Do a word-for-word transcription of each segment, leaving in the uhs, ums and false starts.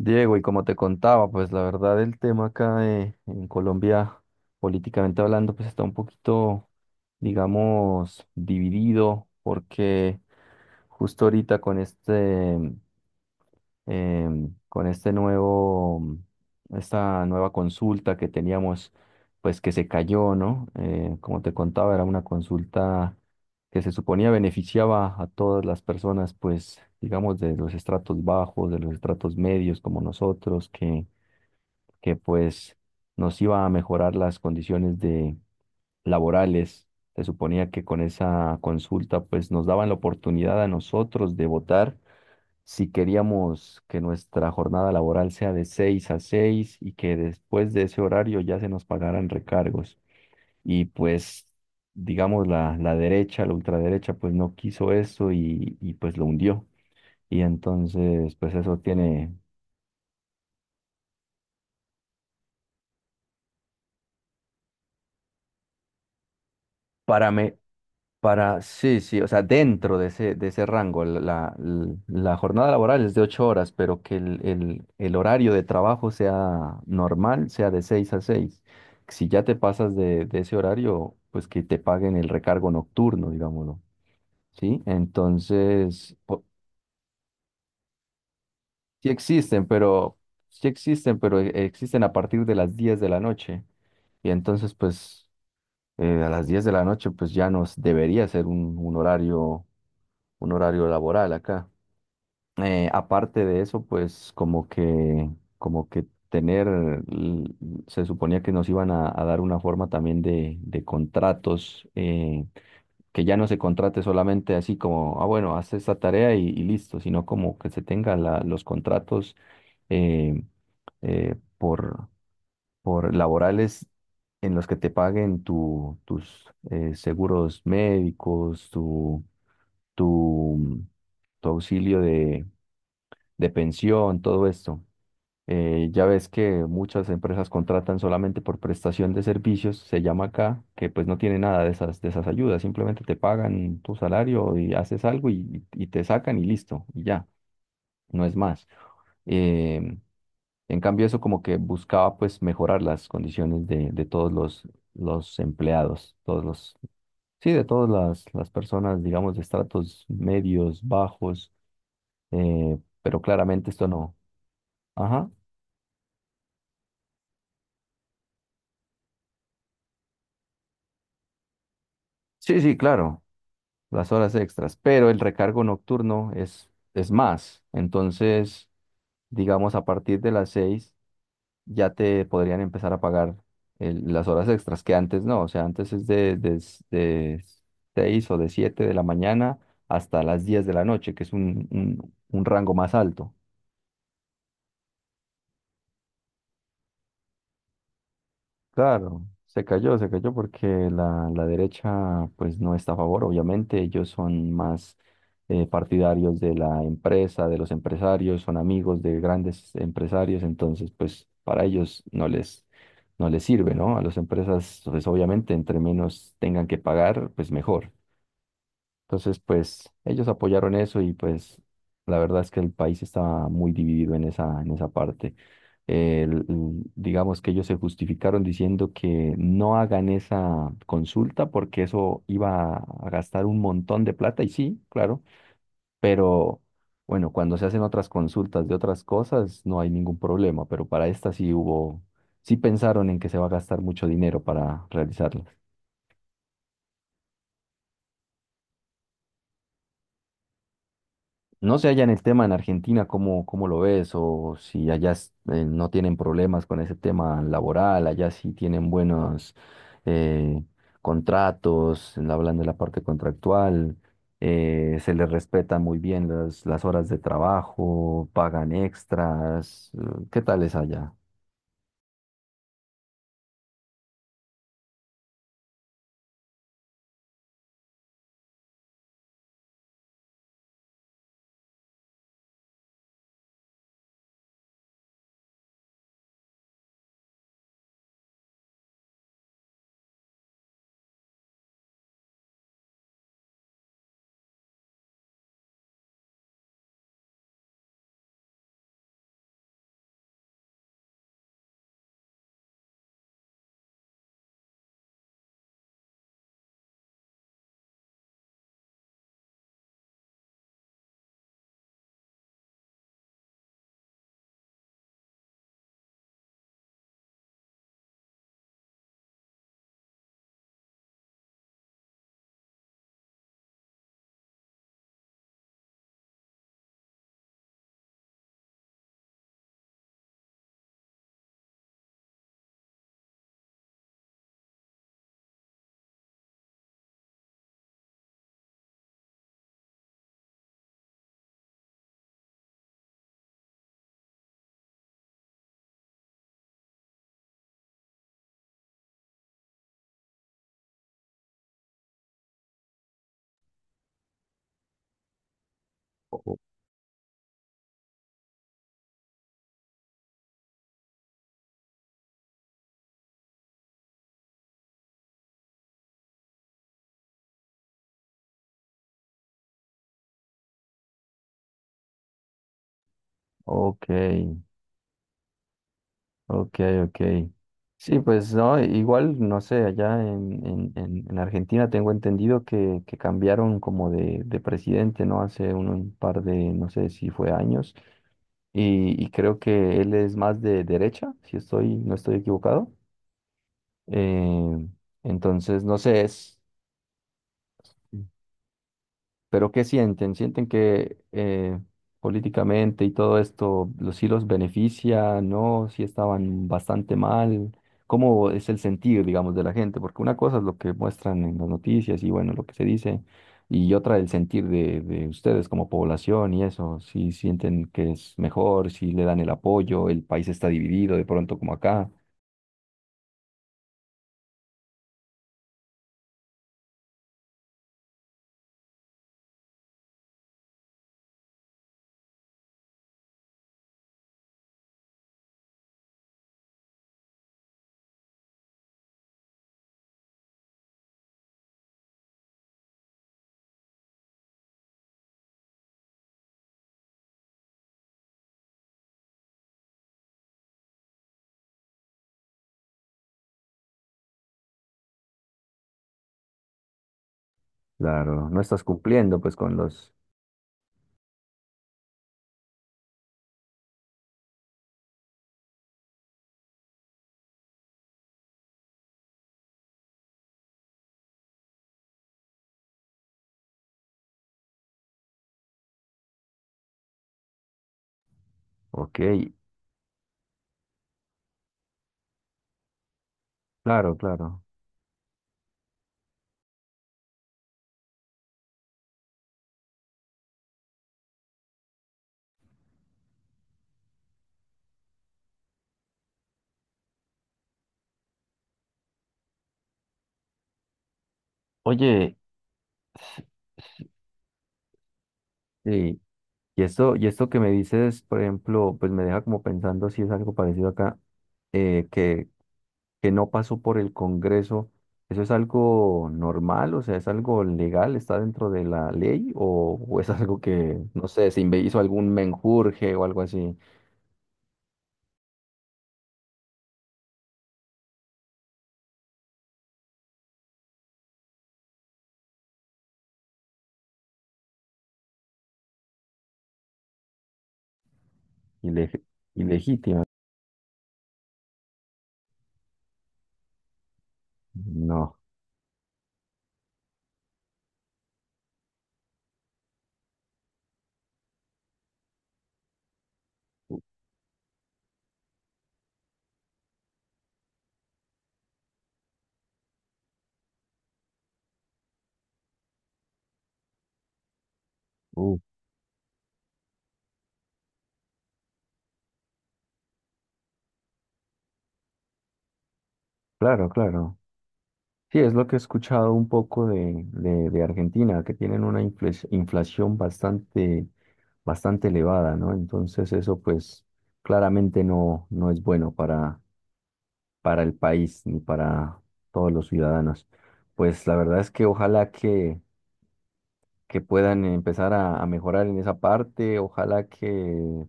Diego, y como te contaba, pues la verdad el tema acá de- en Colombia, políticamente hablando, pues está un poquito, digamos, dividido, porque justo ahorita con este, em, con este nuevo, esta nueva consulta que teníamos pues que se cayó, ¿no? Eh, como te contaba, era una consulta que se suponía beneficiaba a todas las personas, pues, digamos, de los estratos bajos, de los estratos medios como nosotros, que que pues nos iba a mejorar las condiciones de laborales. Se suponía que con esa consulta pues nos daban la oportunidad a nosotros de votar si queríamos que nuestra jornada laboral sea de seis a seis y que después de ese horario ya se nos pagaran recargos. Y pues, digamos, la, la derecha, la ultraderecha, pues no quiso eso y, y, pues lo hundió. Y entonces, pues eso tiene para me, para, sí, sí, o sea, dentro de ese, de ese rango, la, la- l- la jornada laboral es de ocho horas, pero que el, el- el horario de trabajo sea normal, sea de seis a seis. Si ya te pasas de, de ese horario, pues que te paguen el recargo nocturno, digámoslo, ¿sí? Entonces, po- sí existen, pero, sí existen, pero e- existen a partir de las diez de la noche. Y entonces, pues, eh, a las diez de la noche, pues ya nos debería ser un un horario, un horario laboral acá. Eh, aparte de eso, pues como que, como que tener, l- se suponía que nos iban a, a dar una forma también de, de contratos, eh, que ya no se contrate solamente así como, ah, bueno, haz esta tarea y, y listo, sino como que se tenga la- los contratos, eh, eh, por, por laborales en los que te paguen tu, tus eh, seguros médicos, tu, tu auxilio de, de pensión, todo esto. Eh, ya ves que muchas empresas contratan solamente por prestación de servicios, se llama acá, que pues no tiene nada de esas, de esas ayudas, simplemente te pagan tu salario y haces algo y, y te sacan y listo, y ya, no es más. Em, en cambio, eso como que buscaba pues mejorar las condiciones de, de todos los, los empleados, todos los, sí, de todas las, las personas, digamos, de estratos medios, bajos, eh, pero claramente esto no. Ajá. Sí, sí, claro, las horas extras, pero el recargo nocturno es, es más. Entonces, digamos, a partir de las seis ya te podrían empezar a pagar el- las horas extras, que antes no, o sea, antes es de, de, s- de seis o de siete de la mañana hasta las diez de la noche, que es un, un un rango más alto. Claro, se cayó, se cayó porque la, la derecha pues no está a favor, obviamente ellos son más, eh, partidarios de la empresa, de los empresarios, son amigos de grandes empresarios, entonces pues para ellos no les, no les sirve, ¿no? A las empresas pues obviamente entre menos tengan que pagar pues mejor. Entonces, pues ellos apoyaron eso y pues la verdad es que el país estaba muy dividido en esa, en esa parte. El- el- digamos que ellos se justificaron diciendo que no hagan esa consulta porque eso iba a gastar un montón de plata y sí, claro, pero bueno, cuando se hacen otras consultas de otras cosas no hay ningún problema, pero para esta sí hubo, sí pensaron en que se va a gastar mucho dinero para realizarla. No sé allá en el tema en Argentina, ¿cómo, cómo lo ves? O si allá es- eh, no tienen problemas con ese tema laboral, allá sí tienen buenos, eh, contratos, en- hablando de la parte contractual, eh, se les respetan muy bien las, las horas de trabajo, pagan extras. Eh, ¿qué tal es allá? O... Ok. Ok, ok. Sí, pues no, igual, no sé, allá en, en, en- en Argentina tengo entendido que, que cambiaron como de, de presidente, ¿no? Hace un, un par de, no sé si fue años, y, y creo que él es más de derecha, si estoy, no estoy equivocado. Eh, entonces, no sé, es... Pero ¿qué sienten? ¿Sienten que eh, políticamente y todo esto los sí los beneficia? ¿No? Si estaban bastante mal. ¿Cómo es el sentir, digamos, de la gente? Porque una cosa es lo que muestran en las noticias y bueno, lo que se dice, y otra el sentir de, de ustedes como población y eso. Si sienten que es mejor, si le dan el apoyo, el país está dividido de pronto como acá. Claro, no estás cumpliendo pues con los... Ok, claro, claro. Oye, sí. Y esto, y esto que me dices, por ejemplo, pues me deja como pensando si es algo parecido acá, eh, que, que no pasó por el Congreso. ¿Eso es algo normal? O sea, ¿es algo legal? ¿Está dentro de la ley? ¿O, o es algo que, no sé, se inve- hizo algún menjurje o algo así? Ile- ilegítimo. No. Uh, claro, claro. Sí, es lo que he escuchado un poco de, de- de Argentina, que tienen una infles- inflación bastante, bastante elevada, ¿no? Entonces eso pues claramente no, no es bueno para, para el país ni para todos los ciudadanos. Pues la verdad es que ojalá que, que puedan empezar a, a mejorar en esa parte, ojalá que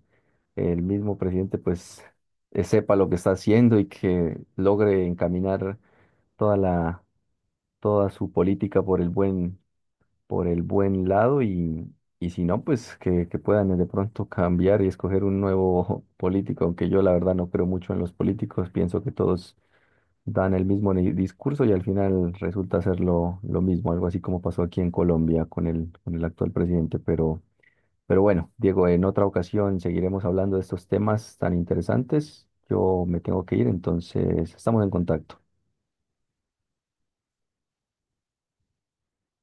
el mismo presidente pues, eh, sepa lo que está haciendo y que logre encaminar toda la toda su política por el buen, por el buen lado y, y si no, pues que, que puedan de pronto cambiar y escoger un nuevo político, aunque yo la verdad no creo mucho en los políticos, pienso que todos dan el mismo ni- discurso y al final resulta ser lo, lo mismo, algo así como pasó aquí en Colombia con el, con el actual presidente, pero, pero bueno, Diego, en otra ocasión seguiremos hablando de estos temas tan interesantes. Yo me tengo que ir, entonces estamos en contacto.